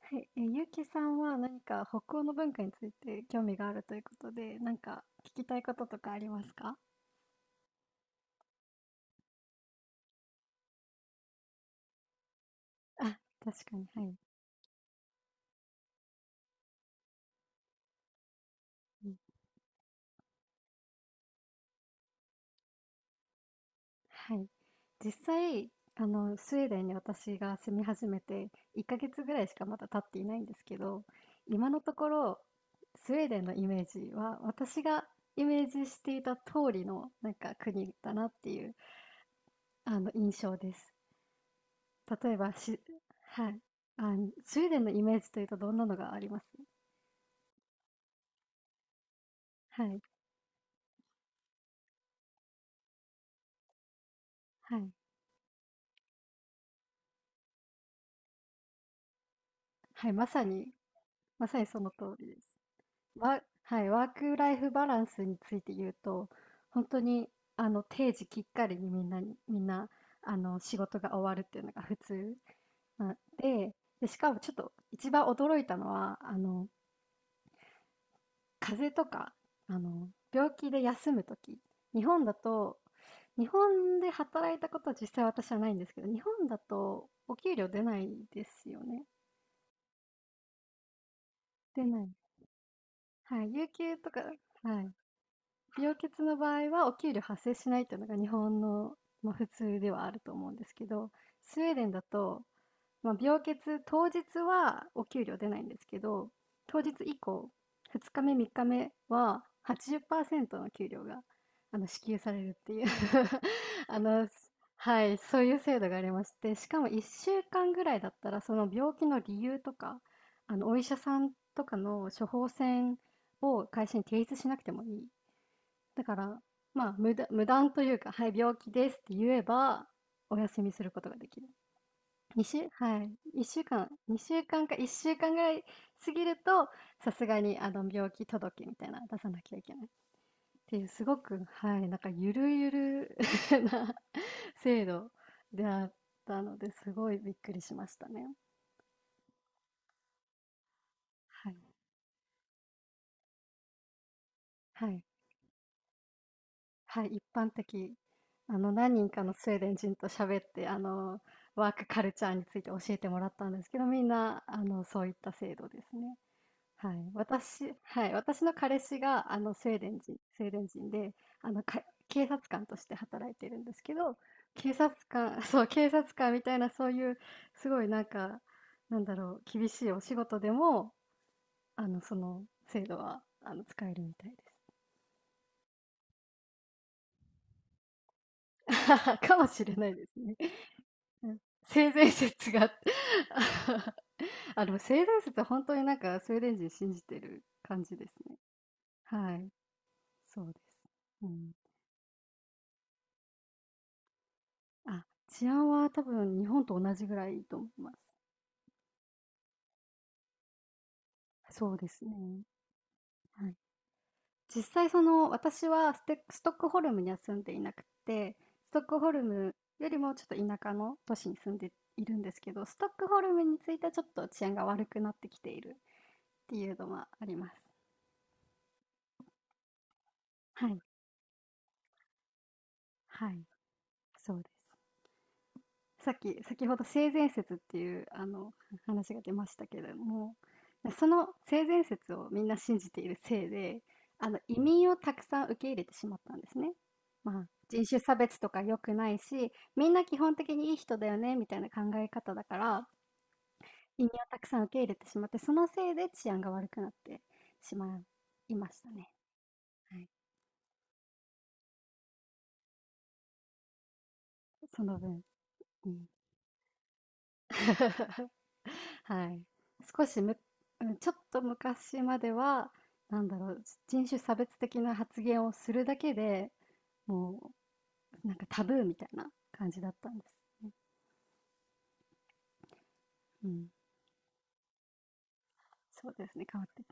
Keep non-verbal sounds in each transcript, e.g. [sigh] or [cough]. はい、ゆうきさんは何か北欧の文化について興味があるということで、何か聞きたいこととかありますか？あ、確かに、はい。うん、はい。実際、スウェーデンに私が住み始めて1ヶ月ぐらいしかまだ経っていないんですけど、今のところ、スウェーデンのイメージは私がイメージしていた通りのなんか国だなっていう、印象です。例えばし、はい。あ、スウェーデンのイメージというとどんなのがあります？はい、はい、はい、まさに、まさにその通りです。はい、ワークライフバランスについて言うと、本当に、定時きっかりにみんなにみんな、仕事が終わるっていうのが普通なで、で、しかもちょっと一番驚いたのは、風邪とか、病気で休む時、日本だと日本で働いたことは実際私はないんですけど、日本だとお給料出ないですよね？出ない。はい、有給とかはい。病欠の場合はお給料発生しないというのが日本の、まあ、普通ではあると思うんですけど、スウェーデンだとまあ、病欠当日はお給料出ないんですけど、当日以降、2日目、3日目は80%の給料が支給されるっていう [laughs] あの、はい、そういう制度がありまして、しかも1週間ぐらいだったら、その病気の理由とか、お医者さんとかの処方箋を会社に提出しなくてもいい。だから、まあ、無断というか、はい、病気ですって言えば、お休みすることができる。にしゅはい、1週間、2週間か1週間ぐらい過ぎると、さすがに病気届みたいなの出さなきゃいけないっていう、すごく、はい、なんかゆるゆる [laughs] な制度であったので、すごいびっくりしましたね。はい。はい。はい、一般的。何人かのスウェーデン人と喋って、ワークカルチャーについて教えてもらったんですけど、みんな、そういった制度ですね。はい。はい、私の彼氏が、スウェーデン人で、あの、か [laughs] 警察官として働いてるんですけど、警察官 [laughs] そう、警察官みたいなそういうすごいなんか、なんだろう、厳しいお仕事でも、その制度は、使えるみたいです。[laughs] かもしれないですね。[laughs] うん。性善説が [laughs] あ、でも性善説は本当になんかスウェーデン人信じてる感じですね。はい、そうです。うん。あ、治安は多分日本と同じぐらいと思います。そうですね。はい。実際その私はストックホルムには住んでいなくて、ストックホルムよりもちょっと田舎の都市に住んでいるんですけど、ストックホルムについてはちょっと治安が悪くなってきているっていうのはあります。はい、はい、そうです。さっき、先ほど性善説っていうあの話が出ましたけれども、その性善説をみんな信じているせいで、移民をたくさん受け入れてしまったんですね。まあ、人種差別とか良くないし、みんな基本的にいい人だよねみたいな考え方だから、移民をたくさん受け入れてしまって、そのせいで治安が悪くなってしまいましたね。はい、その分。うん [laughs] はい。少しむうん、ちょっと昔までは、なんだろう、人種差別的な発言をするだけで、もう、なんかタブーみたいな感じだったんです。うん。そうですね、変わって、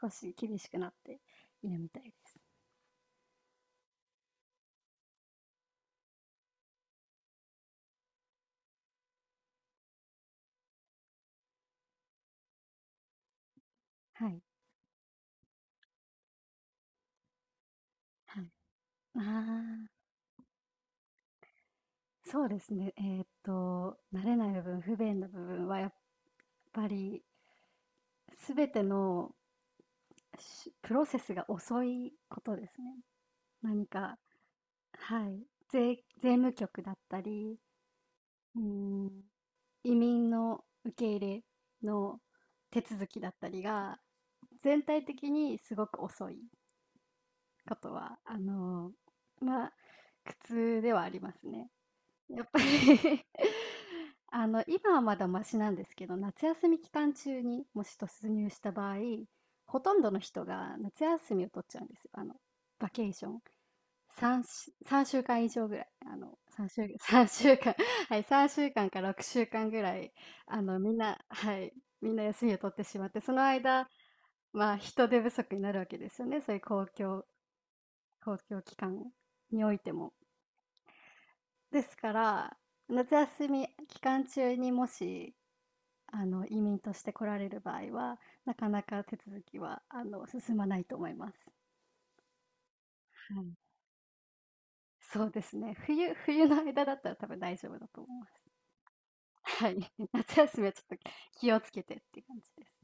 少し厳しくなっているみたいです。はい。はい。ああ、そうですね。慣れない部分、不便な部分はやっぱり、すべてのプロセスが遅いことですね。何かはい。税、税務局だったり、うん、移民の受け入れの手続きだったりが、全体的にすごく遅いことは、まあ、苦痛ではありますね。やっぱり [laughs] 今はまだマシなんですけど、夏休み期間中にもし突入した場合、ほとんどの人が夏休みを取っちゃうんですよ。バケーション。3し、三週間以上ぐらい、3週、[laughs] 三週間、[laughs] はい、3週間か6週間ぐらい、みんな、はい、みんな休みを取ってしまって、その間、まあ、人手不足になるわけですよね、そういう公共機関においても。ですから、夏休み期間中にもし、移民として来られる場合は、なかなか手続きは、進まないと思います。はい、そうですね、冬の間だったら多分大丈夫だと思います。はい。[laughs] 夏休みはちょっと気をつけてっていう感じです。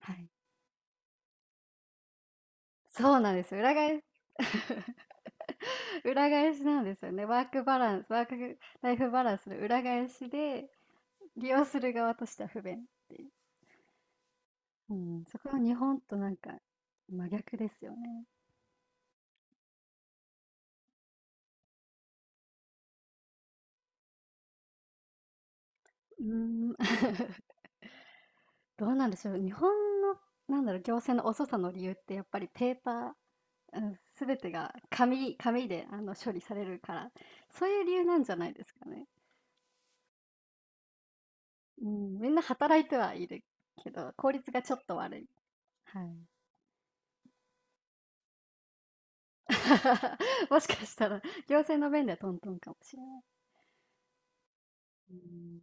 はい。そうなんですよ。裏返し [laughs] 裏返しなんですよね。ワークライフバランスの裏返しで、利用する側としては不便っていう。うん、そこは日本となんか真逆ですよね。うーん。[laughs] どうなんでしょう。日本の、なんだろう、行政の遅さの理由ってやっぱりペーパー、うん、全てが紙で処理されるから、そういう理由なんじゃないですかね。うん、みんな働いてはいるけど、効率がちょっと悪い。はい。[laughs] もしかしたら、行政の面ではトントンかもしれない。うん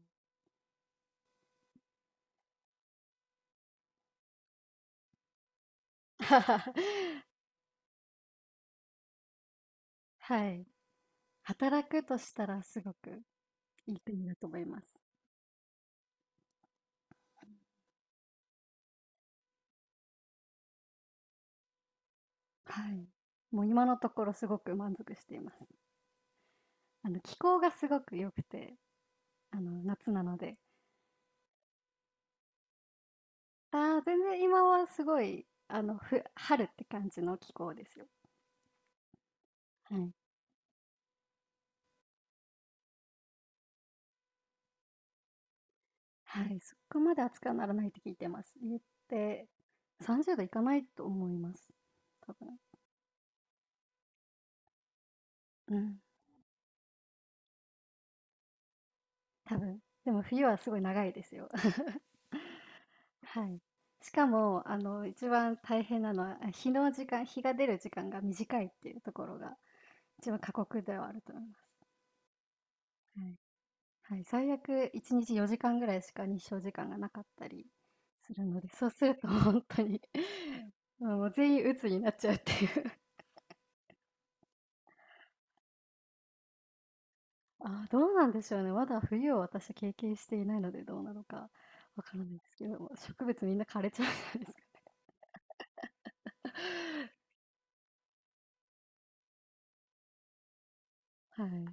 [laughs]。はい。働くとしたらすごくいい国だと思います。はい。もう今のところすごく満足しています。気候がすごく良くて、夏なので。ああ、全然今はすごい、春って感じの気候ですよ。はい。はい、そこまで暑くはならないって聞いてます。言って、30度いかないと思います。多分。うん、多分。でも冬はすごい長いですよ。[laughs] はい。しかも、一番大変なのは、日が出る時間が短いっていうところが、一番過酷ではあると思います。はい。はい、最悪1日4時間ぐらいしか日照時間がなかったりするので、そうすると本当に、[laughs] もう全員鬱になっちゃうっていう。ああ、どうなんでしょうね。まだ冬を私経験していないので、どうなのかわからないですけども、植物みんな枯れちゃうんじゃないですかね。はい、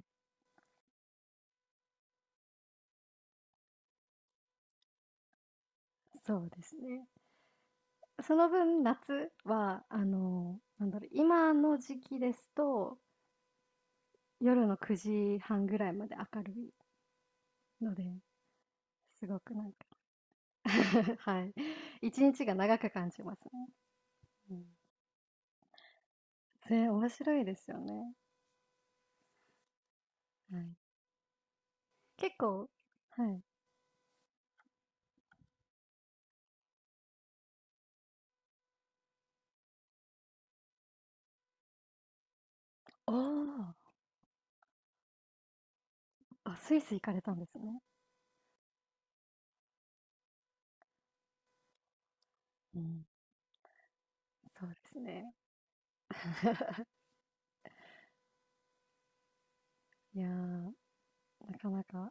そうですね。その分、夏は、なんだろう、今の時期ですと、夜の9時半ぐらいまで明るいので、すごくなんか [laughs]、はい、1日が長く感じますね。うん。ね、面白いですよね。はい。結構はい。ああ、スイス行かれたんですね。うん。そうですね。[laughs] いやー、なかなか